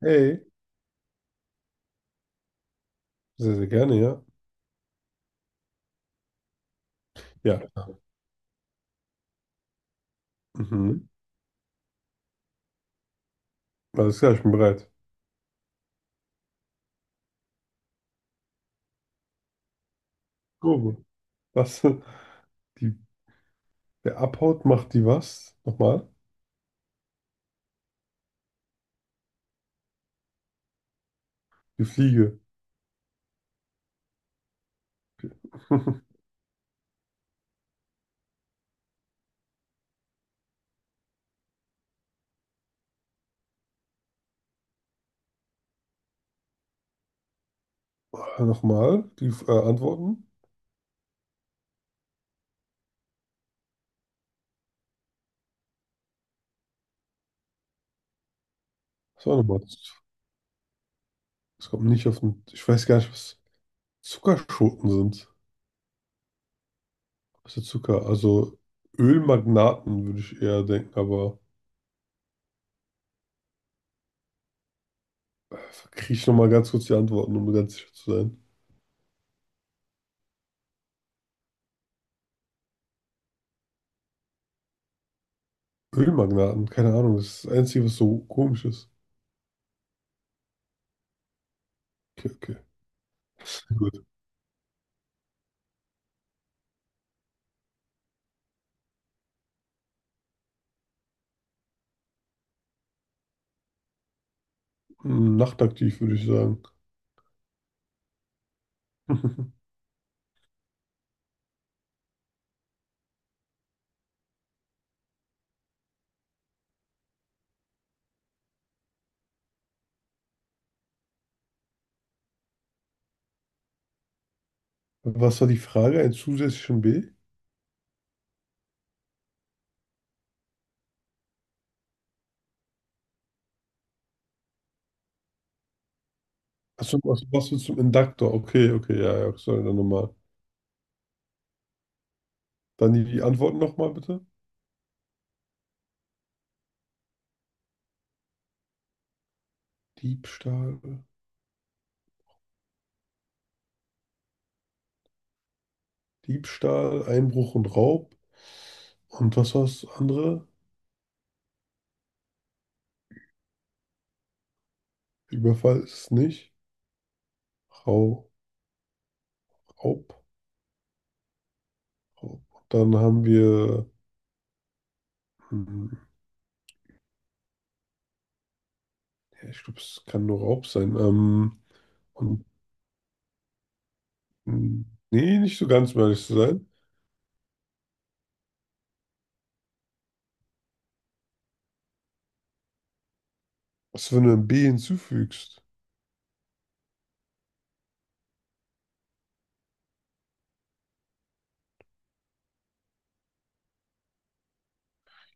Hey, sehr, sehr gerne, ja. Ja, mhm. Alles klar, ich bin bereit. Grobe. Was? Die, wer abhaut, macht die was? Nochmal? Die Fliege. Ah, nochmal? Die Antworten? Was war nochmal? Es kommt nicht auf den. Ich weiß gar nicht, was Zuckerschoten sind. Was ist Zucker? Also Ölmagnaten würde ich eher denken, aber äh, kriege ich nochmal ganz kurz die Antworten, um ganz sicher zu sein. Ölmagnaten, keine Ahnung, das ist das Einzige, was so komisch ist. Okay, okay. Hm, nachtaktiv, würde ich sagen. Was war die Frage? Ein zusätzlichen B? Achso, was willst du zum Induktor? Okay, okay, ja, ja, sorry, dann nochmal. Dann die Antworten nochmal bitte. Diebstahl, Diebstahl, Einbruch und Raub. Und was war das andere? Überfall ist es nicht. Rau, Raub, Raub. Und dann haben wir, hm, ja, ich glaube, es kann nur Raub sein. Und, hm, nee, nicht so ganz, um ehrlich zu sein. Was, wenn du ein B hinzufügst?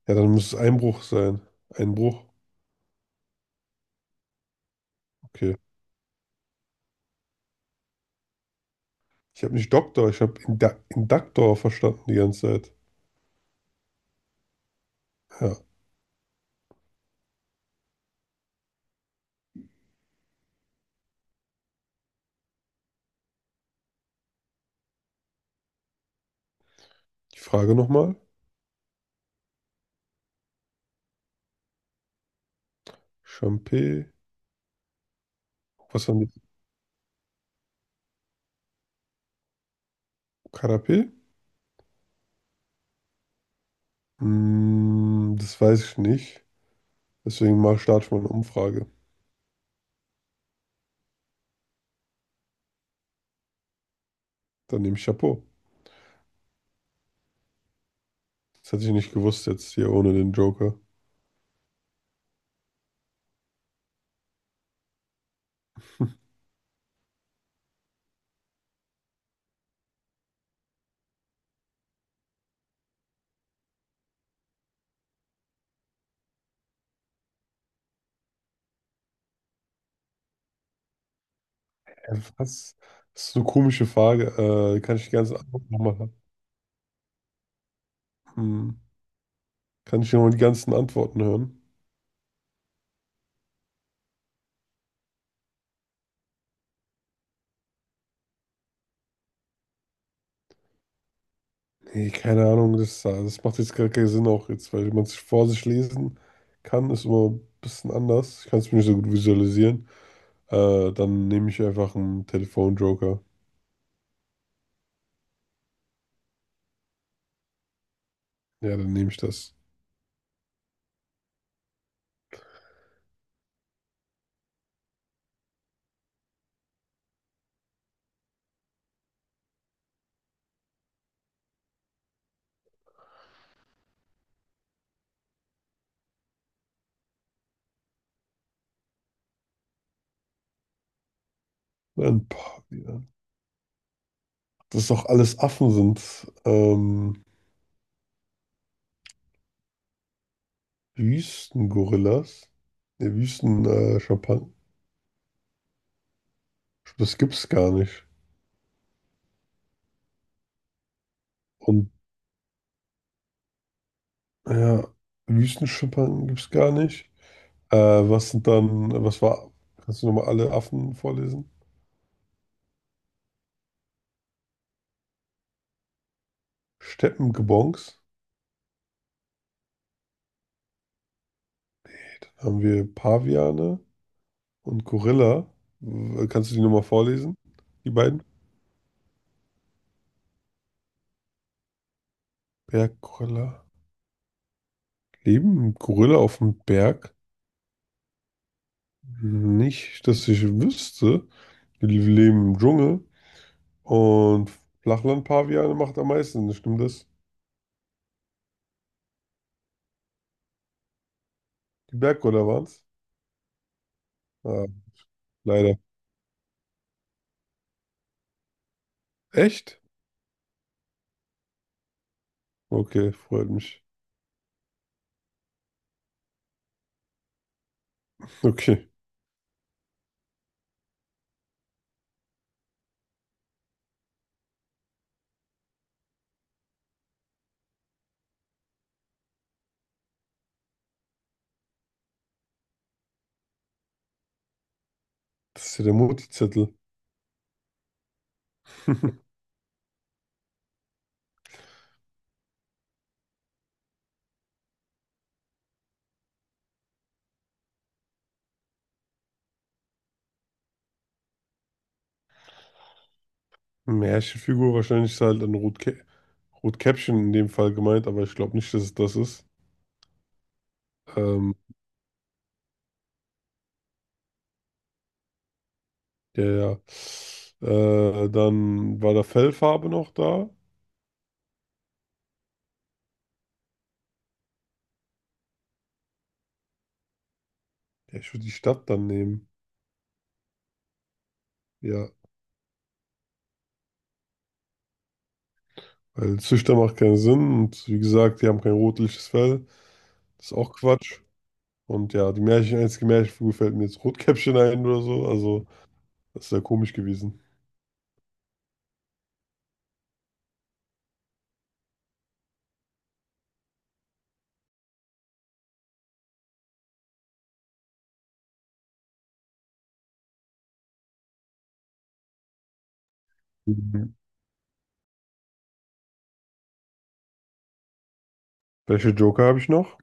Ja, dann muss es Einbruch sein. Einbruch. Okay. Ich habe nicht Doktor, ich habe Inda Induktor verstanden die ganze Zeit. Ja. Die Frage nochmal. Champé. Was haben die? Karapé? Hm, das weiß ich nicht. Deswegen mal starte ich mal eine Umfrage. Dann nehme ich Chapeau. Das hätte ich nicht gewusst jetzt hier ohne den Joker. Was? Das ist eine komische Frage. Kann ich die ganzen Antworten nochmal haben? Hm. Kann ich nochmal die ganzen Antworten hören? Nee, keine Ahnung, das macht jetzt gar keinen Sinn auch jetzt, weil man es vor sich lesen kann, ist immer ein bisschen anders. Ich kann es mir nicht so gut visualisieren. Dann nehme ich einfach einen Telefonjoker. Ja, dann nehme ich das. Dann, boah, ja. Dass doch alles Affen sind. Wüstengorillas. Ne, Wüsten, Schimpansen. Das gibt's gar nicht. Und ja, Wüstenschimpansen gibt's gar nicht. Was sind dann, was war, kannst du nochmal alle Affen vorlesen? Steppengebongs. Okay, dann haben wir Paviane und Gorilla. Kannst du die nochmal vorlesen? Die beiden? Berggorilla. Leben Gorilla auf dem Berg? Nicht, dass ich wüsste. Die leben im Dschungel. Und Flachland-Paviane macht am meisten, stimmt das? Die Berggorilla waren's? Ah, leider. Echt? Okay, freut mich. Okay, das ist ja der Mutti-Zettel. Märchenfigur, wahrscheinlich ist halt ein Rotkäppchen in dem Fall gemeint, aber ich glaube nicht, dass es das ist. Ähm, ja, ja. Dann war da Fellfarbe noch da. Ja, ich würde die Stadt dann nehmen. Ja, weil Züchter macht keinen Sinn und wie gesagt, die haben kein rotliches Fell. Das ist auch Quatsch. Und ja, die Märchen, einzige Märchenfigur fällt mir jetzt Rotkäppchen ein oder so. Also, das wäre komisch gewesen. Mhm. Welche Joker habe ich noch?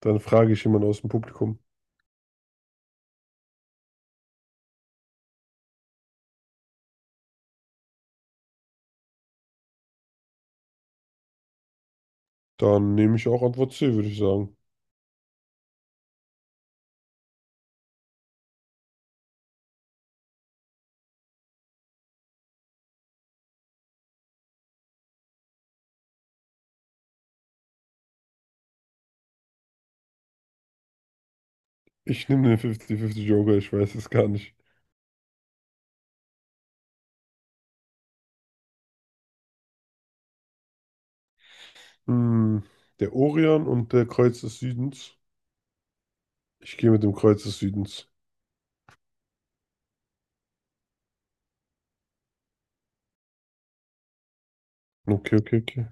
Dann frage ich jemanden aus dem Publikum. Dann nehme ich auch Antwort C, würde ich sagen. Ich nehme den 50-50 Joker, ich weiß es gar nicht. Hm, der Orion und der Kreuz des Südens. Ich gehe mit dem Kreuz des Südens. Okay, okay, okay.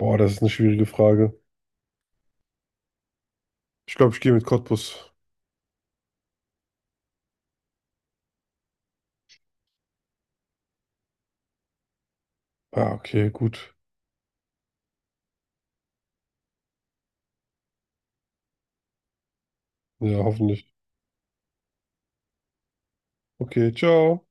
Boah, das ist eine schwierige Frage. Ich glaube, ich gehe mit Cottbus. Ah, okay, gut. Ja, hoffentlich. Okay, ciao.